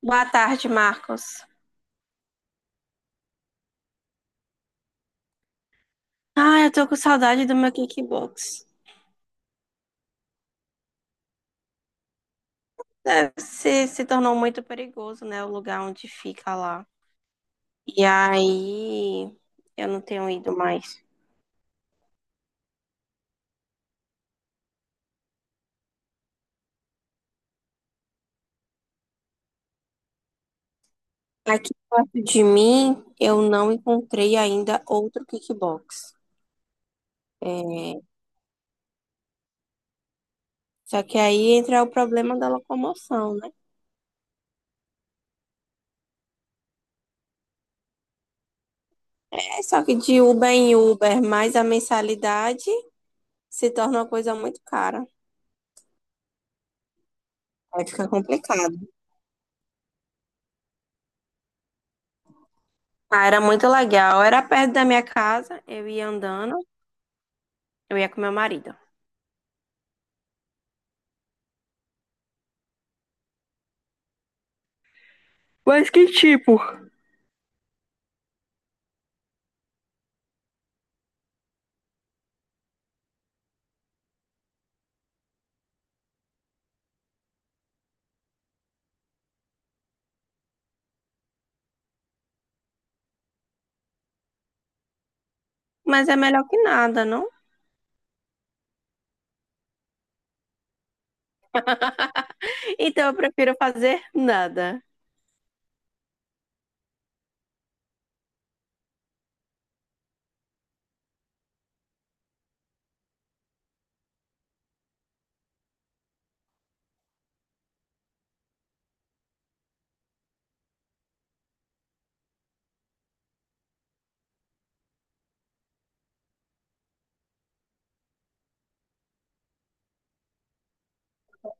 Boa tarde, Marcos. Ah, eu tô com saudade do meu kickbox. Deve ser, se tornou muito perigoso, né? O lugar onde fica lá. E aí, eu não tenho ido mais. Aqui perto de mim, eu não encontrei ainda outro kickbox. É, só que aí entra o problema da locomoção, né? É só que de Uber em Uber, mais a mensalidade se torna uma coisa muito cara. Aí fica complicado. Ah, era muito legal. Era perto da minha casa, eu ia andando, eu ia com meu marido. Mas é melhor que nada, não? Então eu prefiro fazer nada.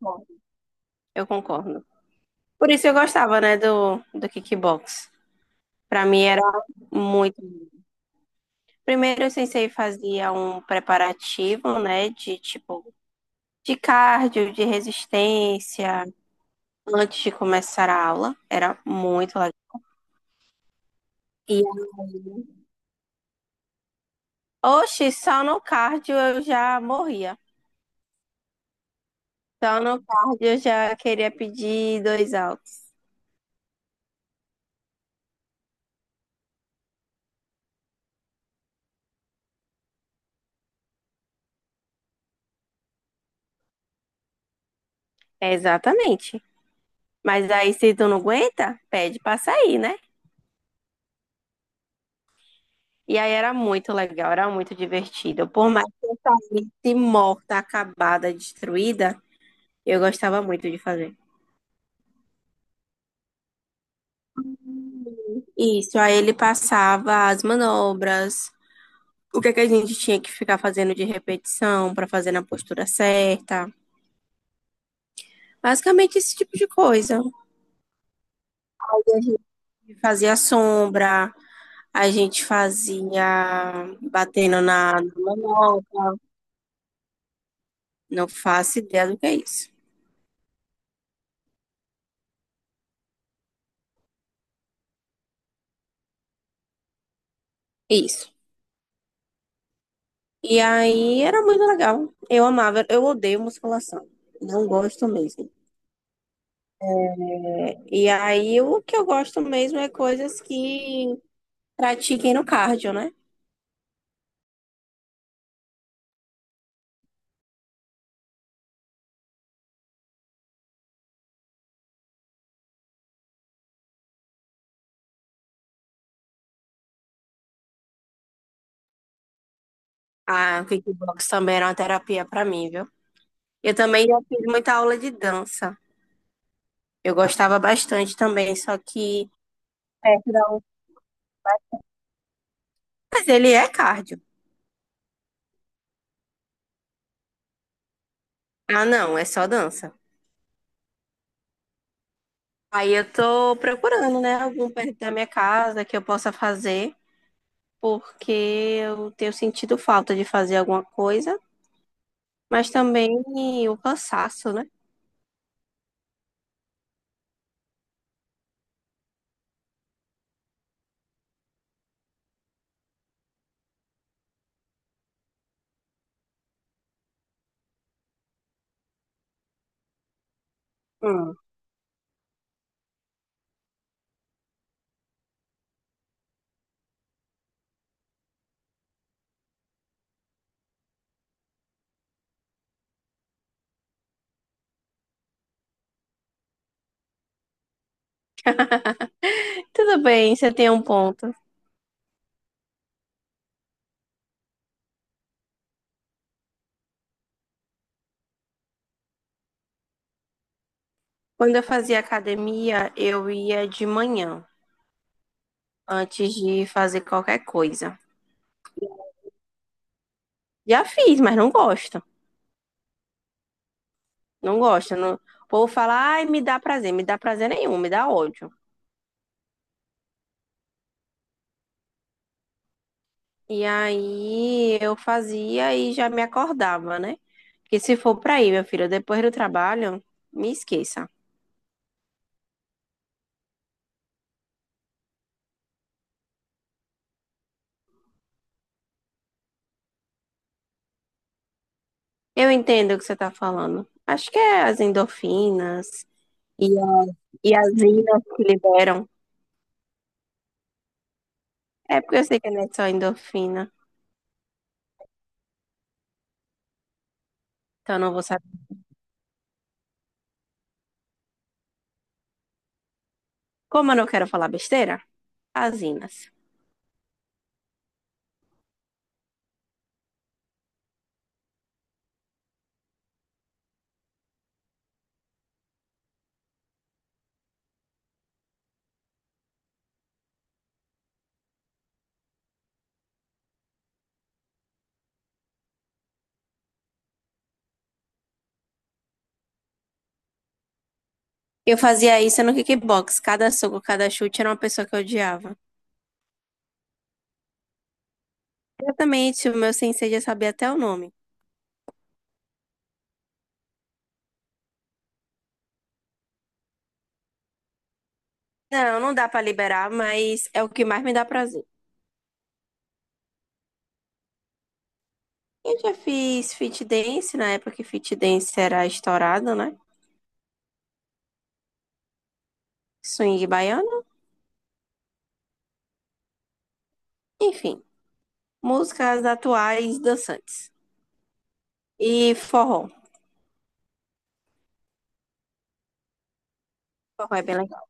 Bom, eu concordo. Por isso eu gostava, né, do kickbox. Pra mim era muito. Primeiro o sensei fazia um preparativo, né, de tipo de cardio, de resistência, antes de começar a aula. Era muito legal. E, oxe, só no cardio eu já morria. Só no cardio eu já queria pedir dois altos. É, exatamente. Mas aí, se tu não aguenta, pede pra sair, né? E aí era muito legal, era muito divertido. Por mais que eu saísse morta, acabada, destruída, eu gostava muito de fazer. Isso, aí ele passava as manobras, o que é que a gente tinha que ficar fazendo de repetição pra fazer na postura certa. Basicamente esse tipo de coisa. A gente fazia sombra, a gente fazia batendo na manopla, não faço ideia do que é isso. Isso. E aí era muito legal. Eu amava, eu odeio musculação. Não gosto mesmo. E aí o que eu gosto mesmo é coisas que pratiquem no cardio, né? A kickbox também era uma terapia para mim, viu? Eu também já fiz muita aula de dança. Eu gostava bastante também, só que perto da... Mas ele é cardio. Ah, não, é só dança. Aí eu tô procurando, né, algum perto da minha casa que eu possa fazer, porque eu tenho sentido falta de fazer alguma coisa, mas também o cansaço, né? Hum. Tudo bem, você tem um ponto. Quando eu fazia academia, eu ia de manhã, antes de fazer qualquer coisa. Já fiz, mas não gosto. Não gosto. Não... O povo fala, ai, me dá prazer. Me dá prazer nenhum, me dá ódio. E aí eu fazia e já me acordava, né? Porque se for pra ir, minha filha, depois do trabalho, me esqueça. Eu entendo o que você tá falando. Acho que é as endorfinas e, e as inas que liberam. É porque eu sei que não é só endorfina, então eu não vou saber. Como eu não quero falar besteira, as inas. Eu fazia isso no kickbox. Cada soco, cada chute era uma pessoa que eu odiava. Exatamente, o meu sensei já sabia até o nome. Não, não dá pra liberar, mas é o que mais me dá prazer. Eu já fiz fit dance na época que fit dance era estourado, né? Swing baiano, enfim, músicas atuais dançantes. E forró. Forró é bem legal.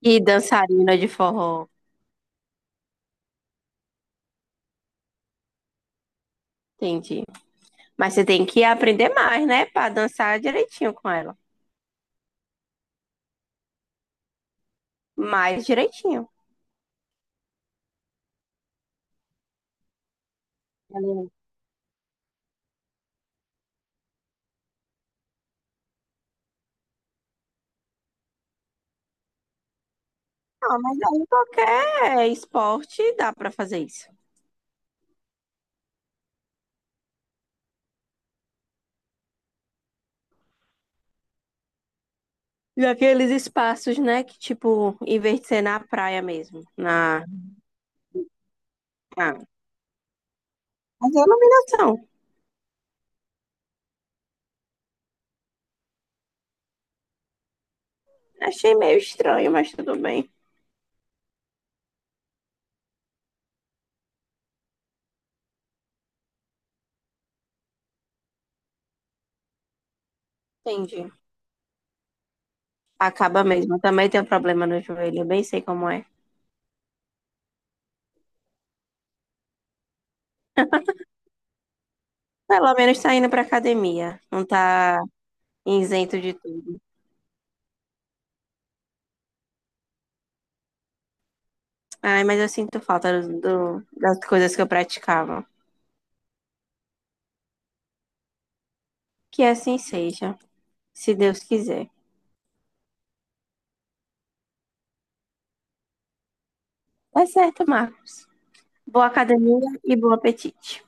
E dançarina de forró, entendi. Mas você tem que aprender mais, né? Pra dançar direitinho com ela. Mais direitinho. Não, mas aí qualquer esporte dá pra fazer isso. E aqueles espaços, né? Que tipo, em vez de ser na praia mesmo, na, nas iluminação. Achei meio estranho, mas tudo bem. Entendi. Acaba mesmo. Também tem um problema no joelho, eu bem sei como é. Pelo menos tá indo pra academia. Não tá isento de tudo. Ai, mas eu sinto falta do, das coisas que eu praticava. Que assim seja, se Deus quiser. Tá certo, Marcos. Boa academia e bom apetite.